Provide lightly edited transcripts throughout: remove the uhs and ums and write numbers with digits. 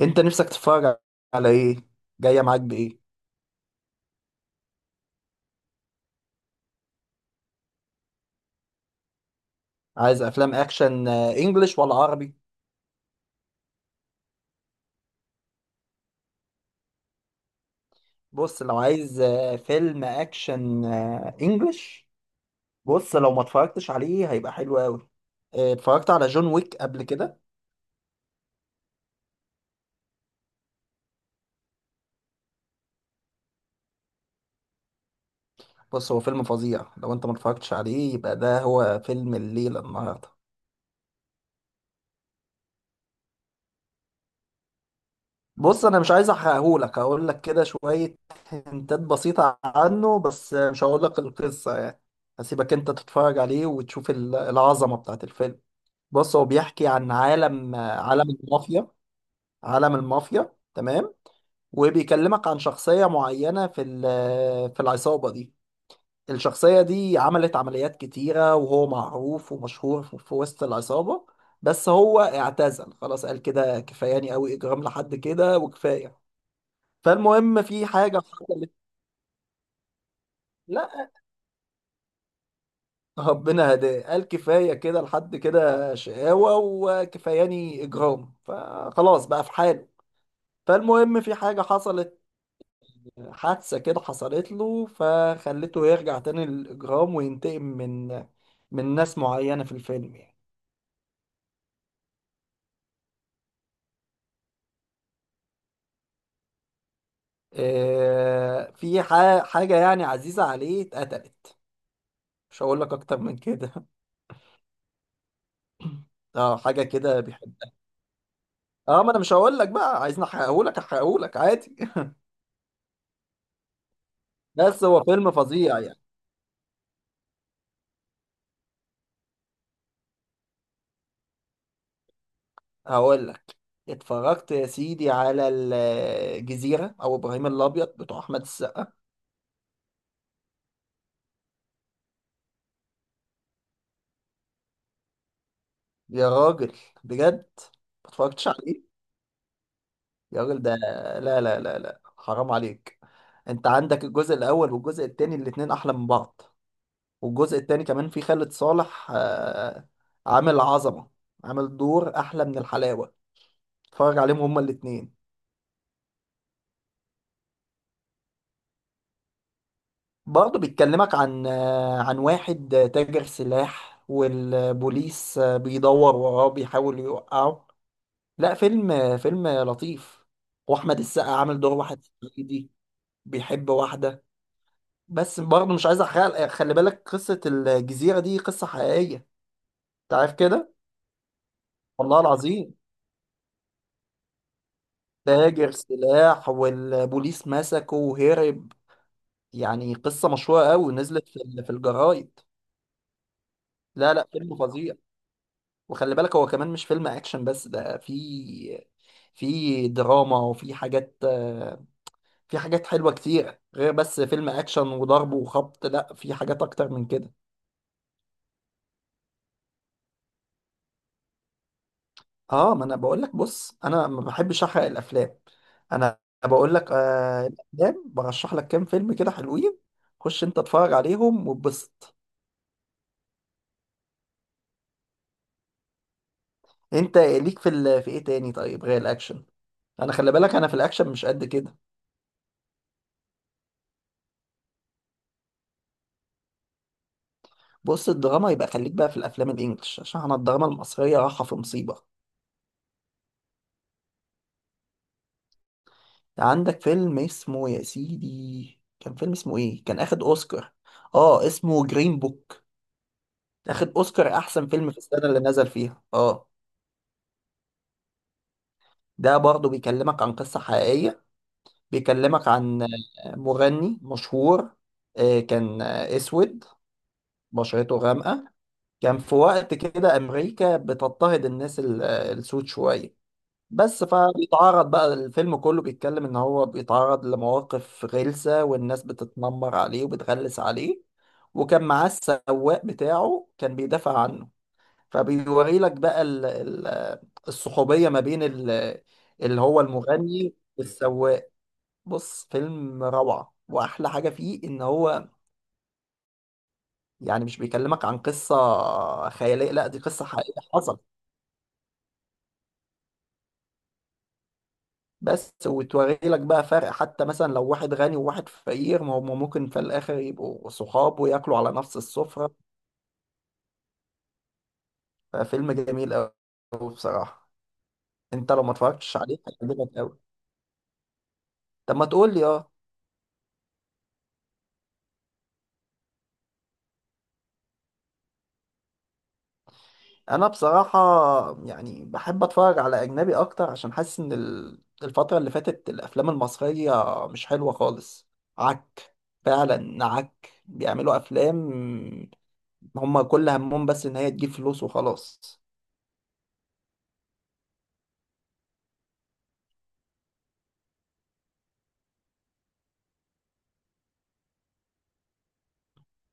انت نفسك تتفرج على ايه؟ جايه معاك بايه؟ عايز افلام اكشن، انجليش ولا عربي؟ بص، لو عايز فيلم اكشن انجليش. بص، لو ما اتفرجتش عليه هيبقى حلو قوي. اتفرجت على جون ويك قبل كده؟ بص، هو فيلم فظيع. لو انت ما اتفرجتش عليه يبقى ده هو فيلم الليله النهارده. بص، انا مش عايز احرقهولك. هقول لك كده شويه هنتات بسيطه عنه، بس مش هقول لك القصه يعني. هسيبك انت تتفرج عليه وتشوف العظمه بتاعت الفيلم. بص، هو بيحكي عن عالم المافيا. عالم المافيا، تمام. وبيكلمك عن شخصية معينة في العصابة دي. الشخصية دي عملت عمليات كتيرة، وهو معروف ومشهور في وسط العصابة. بس هو اعتزل خلاص، قال كده كفاياني قوي إجرام لحد كده وكفاية. فالمهم، في حاجة حصلت. لا، ربنا هداه. قال كفاية كده، لحد كده شقاوة وكفاياني إجرام، فخلاص بقى في حاله. فالمهم، في حاجة حصلت. حادثة كده حصلت له فخلته يرجع تاني للإجرام وينتقم من ناس معينة في الفيلم يعني. في حاجة يعني عزيزة عليه اتقتلت. مش هقول لك أكتر من كده. اه، حاجة كده بيحب. اه، ما أنا مش هقول لك بقى. عايزني أحرقهولك؟ أحرقهولك عادي. بس هو فيلم فظيع يعني. هقول لك. اتفرجت يا سيدي على الجزيرة أو إبراهيم الأبيض بتوع أحمد السقا؟ يا راجل! بجد؟ ما اتفرجتش عليه؟ يا راجل ده. لا لا لا لا، حرام عليك! انت عندك الجزء الاول والجزء التاني، الاتنين احلى من بعض. والجزء التاني كمان فيه خالد صالح، عامل عظمة. عامل دور احلى من الحلاوة. اتفرج عليهم هما الاتنين. برضه بيتكلمك عن عن واحد تاجر سلاح، والبوليس بيدور وراه بيحاول يوقعه. لا، فيلم فيلم لطيف. واحمد السقا عامل دور واحد صعيدي. بيحب واحدة. بس برضه مش عايز احرق. خلي بالك قصة الجزيرة دي قصة حقيقية. انت عارف كده. والله العظيم. تاجر سلاح والبوليس مسكه وهرب. يعني قصة مشهورة قوي نزلت في الجرايد. لا لا، فيلم فظيع. وخلي بالك هو كمان مش فيلم اكشن بس، ده في دراما وفي حاجات. في حاجات حلوة كتير، غير بس فيلم اكشن وضرب وخبط. لا، في حاجات اكتر من كده. اه، ما انا بقول لك. بص، انا ما بحبش احرق الافلام. انا بقول لك الافلام برشح لك كام فيلم كده حلوين. خش انت اتفرج عليهم واتبسط. انت ليك في ايه تاني طيب غير الاكشن؟ انا، خلي بالك، انا في الاكشن مش قد كده. بص، الدراما يبقى خليك بقى في الافلام الانجليش، عشان انا الدراما المصريه رايحه في مصيبه. عندك فيلم اسمه يا سيدي، كان فيلم اسمه ايه؟ كان اخد اوسكار. اه، اسمه جرين بوك. اخد اوسكار احسن فيلم في السنه اللي نزل فيها، اه. ده برضه بيكلمك عن قصة حقيقية. بيكلمك عن مغني مشهور. كان اسود، بشرته غامقة. كان في وقت كده امريكا بتضطهد الناس السود شوية. بس فبيتعرض بقى، الفيلم كله بيتكلم ان هو بيتعرض لمواقف غلسة، والناس بتتنمر عليه وبتغلس عليه. وكان معاه السواق بتاعه كان بيدافع عنه. فبيوري لك بقى الصحوبية ما بين اللي هو المغني والسواق. بص، فيلم روعة، واحلى حاجة فيه ان هو، يعني، مش بيكلمك عن قصة خيالية. لا، دي قصة حقيقية حصل. بس وتوري لك بقى فرق، حتى مثلا لو واحد غني وواحد فقير، ما هم ممكن في الاخر يبقوا صحاب وياكلوا على نفس السفرة. ففيلم جميل قوي، بصراحة. انت لو ما اتفرجتش عليه هيعجبك قوي. طب ما تقول لي. انا بصراحة يعني بحب اتفرج على اجنبي اكتر، عشان حاسس ان الفترة اللي فاتت الافلام المصرية مش حلوة خالص. عك، فعلا عك، بيعملوا افلام هم كل همهم بس ان هي تجيب فلوس وخلاص.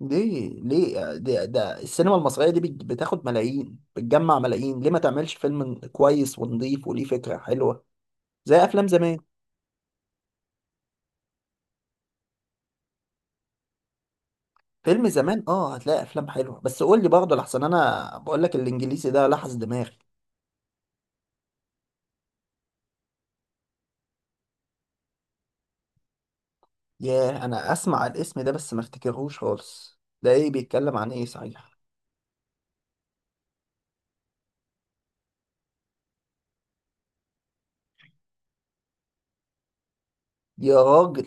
ليه، ليه ده, ده السينما المصرية دي بتاخد ملايين، بتجمع ملايين، ليه ما تعملش فيلم كويس ونضيف وليه فكرة حلوة؟ زي افلام زمان. فيلم زمان، اه، هتلاقي افلام حلوة. بس قول لي برضه لحسن انا بقول لك الانجليزي ده لحس دماغي. ياه، انا اسمع الاسم ده بس ما افتكرهوش خالص. ده ايه؟ بيتكلم عن ايه صحيح؟ يا راجل!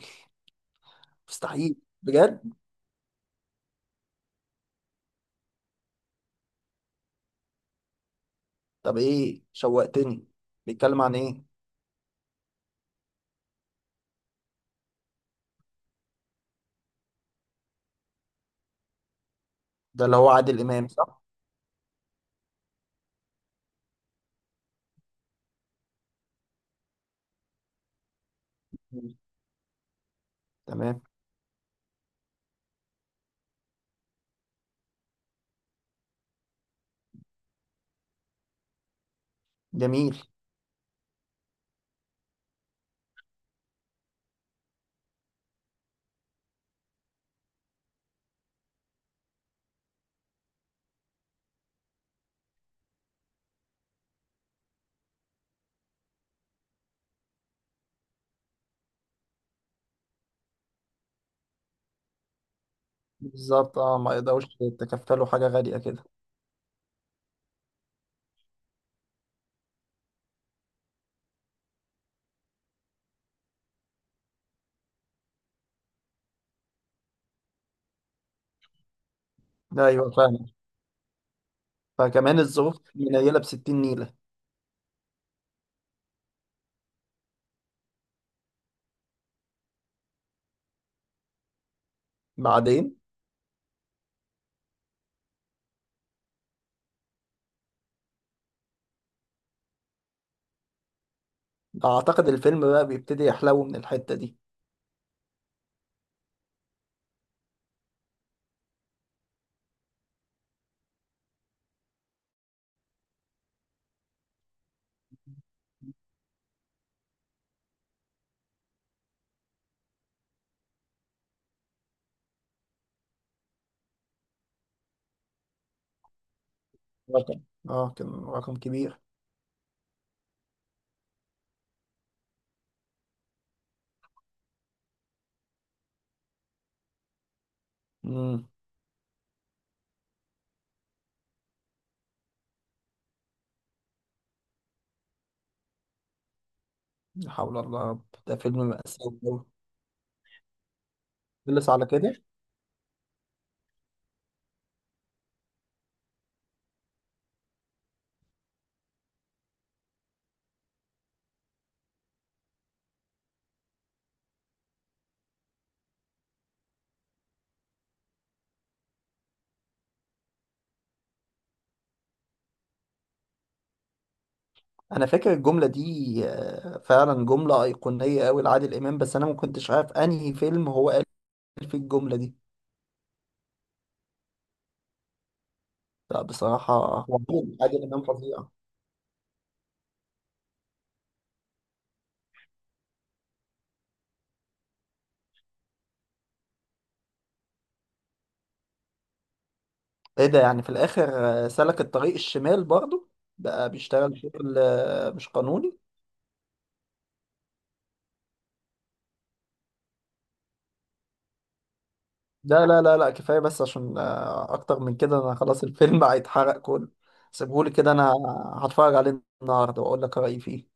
مستحيل! بجد؟ طب ايه، شوقتني. بيتكلم عن ايه؟ ده اللي هو عادل امام، صح؟ مم. تمام. جميل. بالظبط. اه، ما يقدروش يتكفلوا حاجه غاليه كده. ده ايوه، فاهم. فكمان الظروف منيله ب 60 نيله. بعدين. اعتقد الفيلم بقى بيبتدي يحلو من الحته دي. رقم. اه، كان رقم كبير. امم. لا حول الله يا رب، ده فيلم مأساوي أوي. خلص على كده؟ انا فاكر الجمله دي، فعلا جمله ايقونيه قوي لعادل امام، بس انا ما كنتش عارف انهي فيلم هو قال فيه الجمله دي. لا بصراحه، هو عادل امام فظيع. ايه ده يعني في الاخر؟ سلك الطريق الشمال برضه. بقى بيشتغل شغل مش قانوني. لا لا لا لا، كفايه بس، عشان اكتر من كده انا خلاص الفيلم هيتحرق كله. سيبهولي كده انا، هتفرج عليه النهارده واقول لك رايي فيه.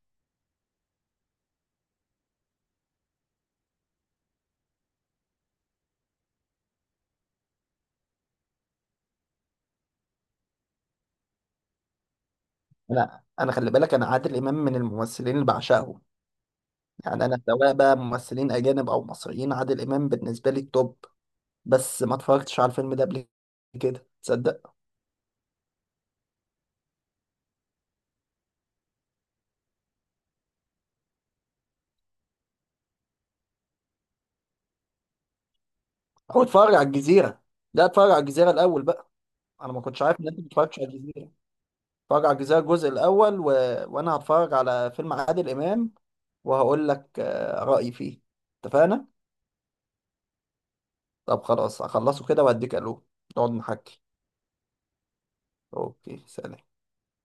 انا خلي بالك، انا عادل امام من الممثلين اللي بعشقهم. يعني انا سواء بقى ممثلين اجانب او مصريين، عادل امام بالنسبه لي التوب. بس ما اتفرجتش على الفيلم ده قبل كده، تصدق؟ هو اتفرج على الجزيره. لا، اتفرج على الجزيره الاول بقى. انا ما كنتش عارف ان انت ما اتفرجتش على الجزيره. اتفرج على الجزيره الجزء الاول وانا هتفرج على فيلم عادل امام، وهقول لك رايي فيه. اتفقنا؟ طب خلاص، هخلصه كده واديك الو. نقعد نحكي. اوكي، سلام.